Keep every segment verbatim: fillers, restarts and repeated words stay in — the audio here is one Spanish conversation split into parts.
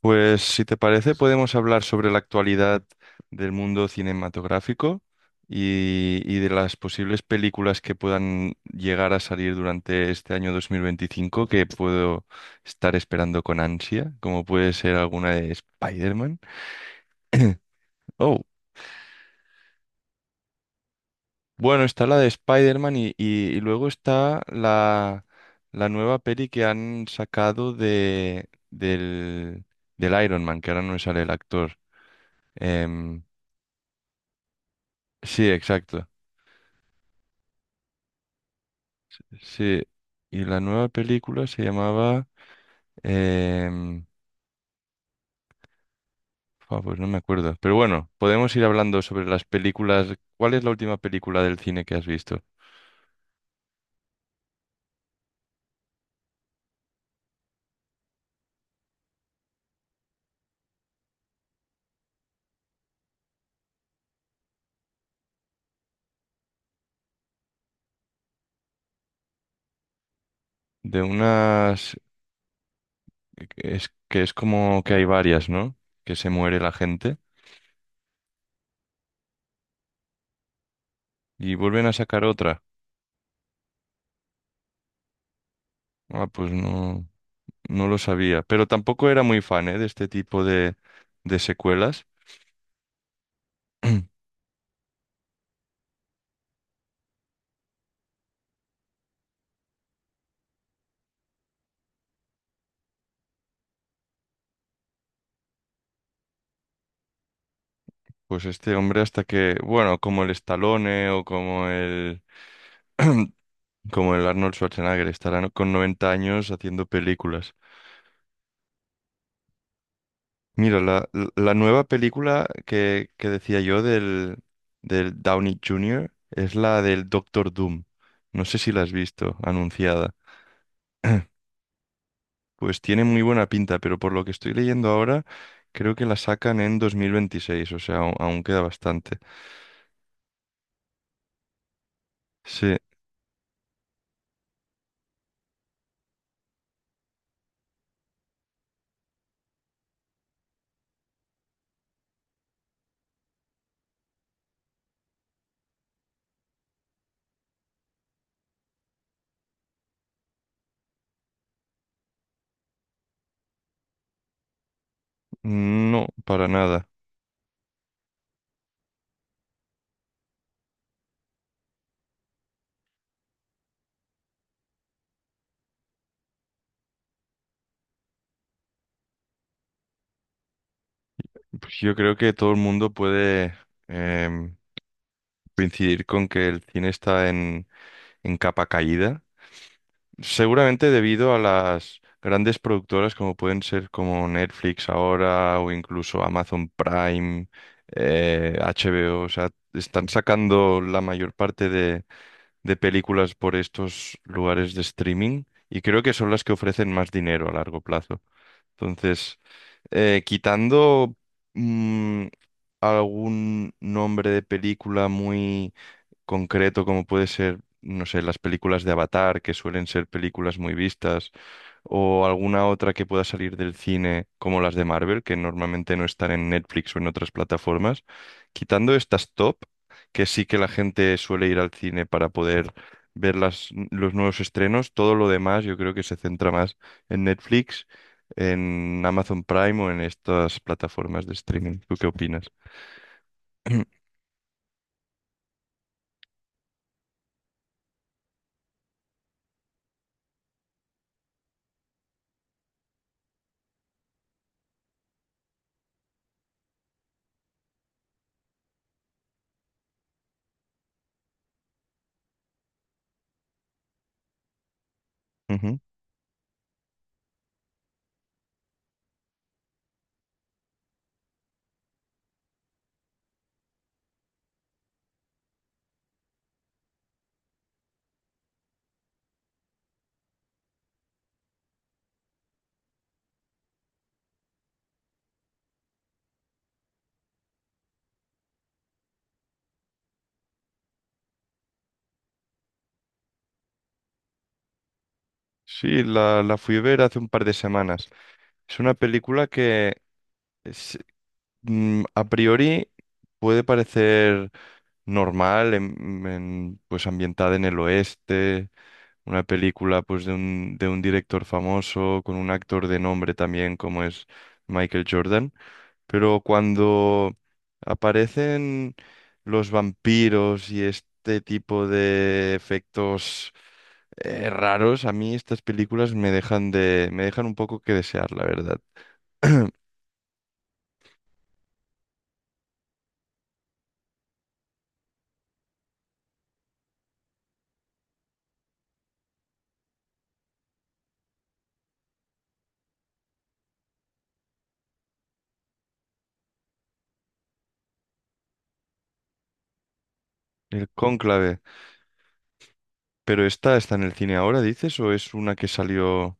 Pues si te parece, podemos hablar sobre la actualidad del mundo cinematográfico y, y de las posibles películas que puedan llegar a salir durante este año dos mil veinticinco que puedo estar esperando con ansia, como puede ser alguna de Spider-Man. Oh, bueno, está la de Spider-Man y, y- y luego está la, la nueva peli que han sacado de, del, del Iron Man, que ahora no me sale el actor. Em, sí, exacto. Sí, y la nueva película se llamaba... em, ah, pues no me acuerdo. Pero bueno, podemos ir hablando sobre las películas. ¿Cuál es la última película del cine que has visto? De unas... Es que es como que hay varias, ¿no? Que se muere la gente y vuelven a sacar otra. Ah, pues no, no lo sabía. Pero tampoco era muy fan, ¿eh?, de este tipo de, de secuelas. Pues este hombre hasta que, bueno, como el Stallone o como el como el Arnold Schwarzenegger, estará con noventa años haciendo películas. Mira, la, la la nueva película que, que decía yo del, del Downey júnior es la del Doctor Doom. No sé si la has visto anunciada. Pues tiene muy buena pinta, pero por lo que estoy leyendo ahora, creo que la sacan en dos mil veintiséis. O sea, aún aún queda bastante. Sí, no, para nada. Pues yo creo que todo el mundo puede em, coincidir con que el cine está en, en capa caída, seguramente debido a las grandes productoras como pueden ser como Netflix ahora o incluso Amazon Prime, eh, H B O, o o sea, están sacando la mayor parte de, de películas por estos lugares de streaming y creo que son las que ofrecen más dinero a largo plazo. Entonces, eh, quitando mm, algún nombre de película muy concreto, como puede ser, no sé, las películas de Avatar, que suelen ser películas muy vistas o alguna otra que pueda salir del cine como las de Marvel, que normalmente no están en Netflix o en otras plataformas. Quitando estas top, que sí que la gente suele ir al cine para poder ver las- los nuevos estrenos, todo lo demás yo creo que se centra más en Netflix, en Amazon Prime o en estas plataformas de streaming. ¿Tú qué opinas? Ujú. Sí, la, la fui a ver hace un par de semanas. Es una película que, si mm, a priori puede parecer normal, en, en, pues ambientada en el oeste, una película pues de un, de un director famoso, con un actor de nombre también como es Michael Jordan, pero cuando aparecen los vampiros y este tipo de efectos eh, raros, a mí estas películas me dejan de, me dejan un poco que desear, la verdad. El Cónclave. Pero esta está en el cine ahora, dices, o es una que salió.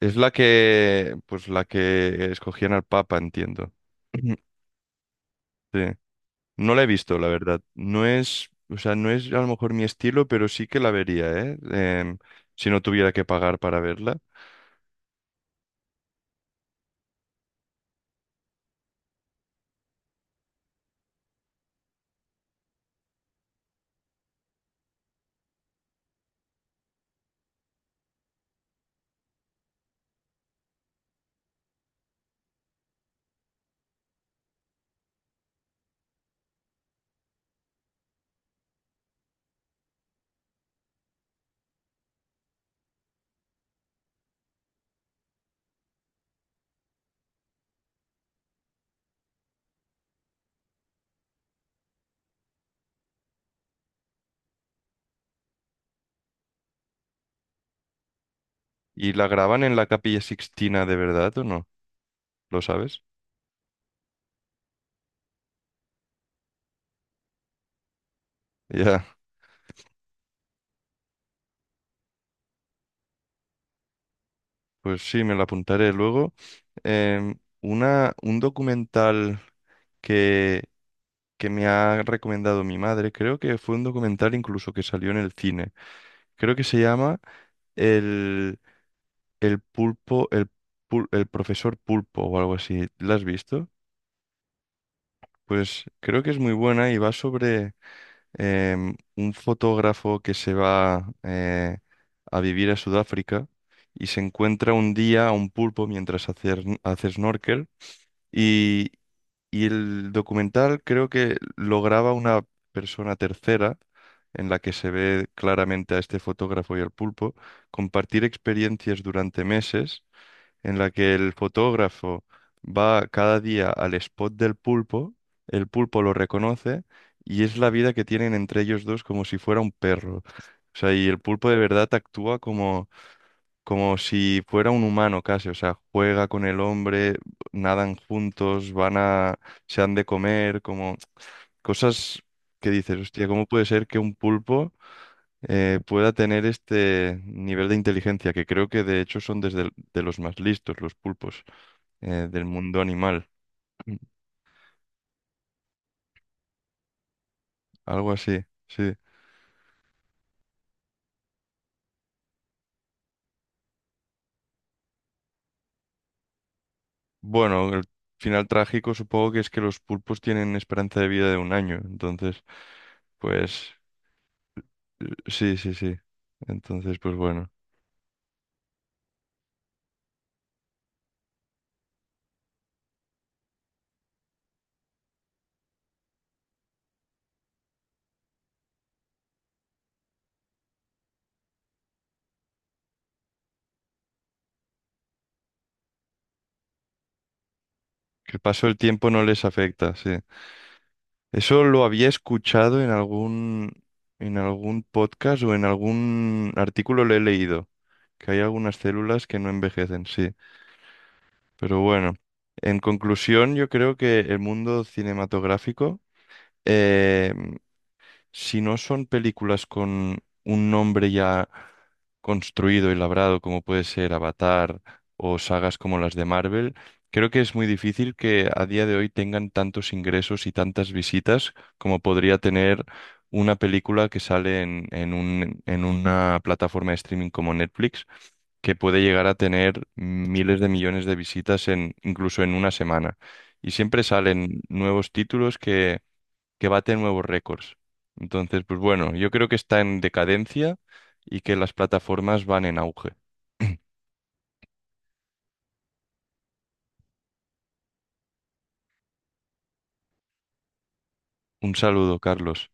Es la que, pues la que escogían al Papa, entiendo. Sí. No la he visto, la verdad. No es, o sea, no es a lo mejor mi estilo, pero sí que la vería, ¿eh? Em, si no tuviera que pagar para verla. ¿Y la graban en la Capilla Sixtina de verdad o no? ¿Lo sabes? Ya. Pues sí, me la apuntaré luego. Em, una, un documental que, que me ha recomendado mi madre, creo que fue un documental incluso que salió en el cine. Creo que se llama El, el pulpo, el, pul- el profesor pulpo o algo así. ¿La has visto? Pues creo que es muy buena y va sobre em, un fotógrafo que se va eh, a vivir a Sudáfrica y se encuentra un día a un pulpo mientras hace, hace snorkel. Y, y el documental creo que lo graba una persona tercera en la que se ve claramente a este fotógrafo y al pulpo compartir experiencias durante meses en la que el fotógrafo va cada día al spot del pulpo, el pulpo lo reconoce y es la vida que tienen entre ellos dos como si fuera un perro. O sea, y el pulpo de verdad actúa como si fuera un humano casi, o sea, juega con el hombre, nadan juntos, van a, se han de comer, como cosas que dices, hostia, ¿cómo puede ser que un pulpo eh, pueda tener este nivel de inteligencia? Que creo que de hecho son desde el- de los más listos, los pulpos eh, del mundo animal. Mm. Algo así, sí. Bueno, el final trágico supongo que es que los pulpos tienen esperanza de vida de un año, entonces, pues, eh, sí, sí, sí. Entonces, pues bueno. Que el paso del tiempo no les afecta, sí. Eso lo había escuchado en algún, en algún podcast o en algún artículo lo he leído, que hay algunas células que no envejecen, sí. Pero bueno, en conclusión, yo creo que el mundo cinematográfico eh, si no son películas con un nombre ya construido y labrado, como puede ser Avatar o sagas como las de Marvel, creo que es muy difícil que a día de hoy tengan tantos ingresos y tantas visitas como podría tener una película que sale en, en un- en una plataforma de streaming como Netflix, que puede llegar a tener miles de millones de visitas en, incluso en una semana. Y siempre salen nuevos títulos que bate nuevos récords. Entonces, pues bueno, yo creo que está en decadencia y que las plataformas van en auge. Un saludo, Carlos.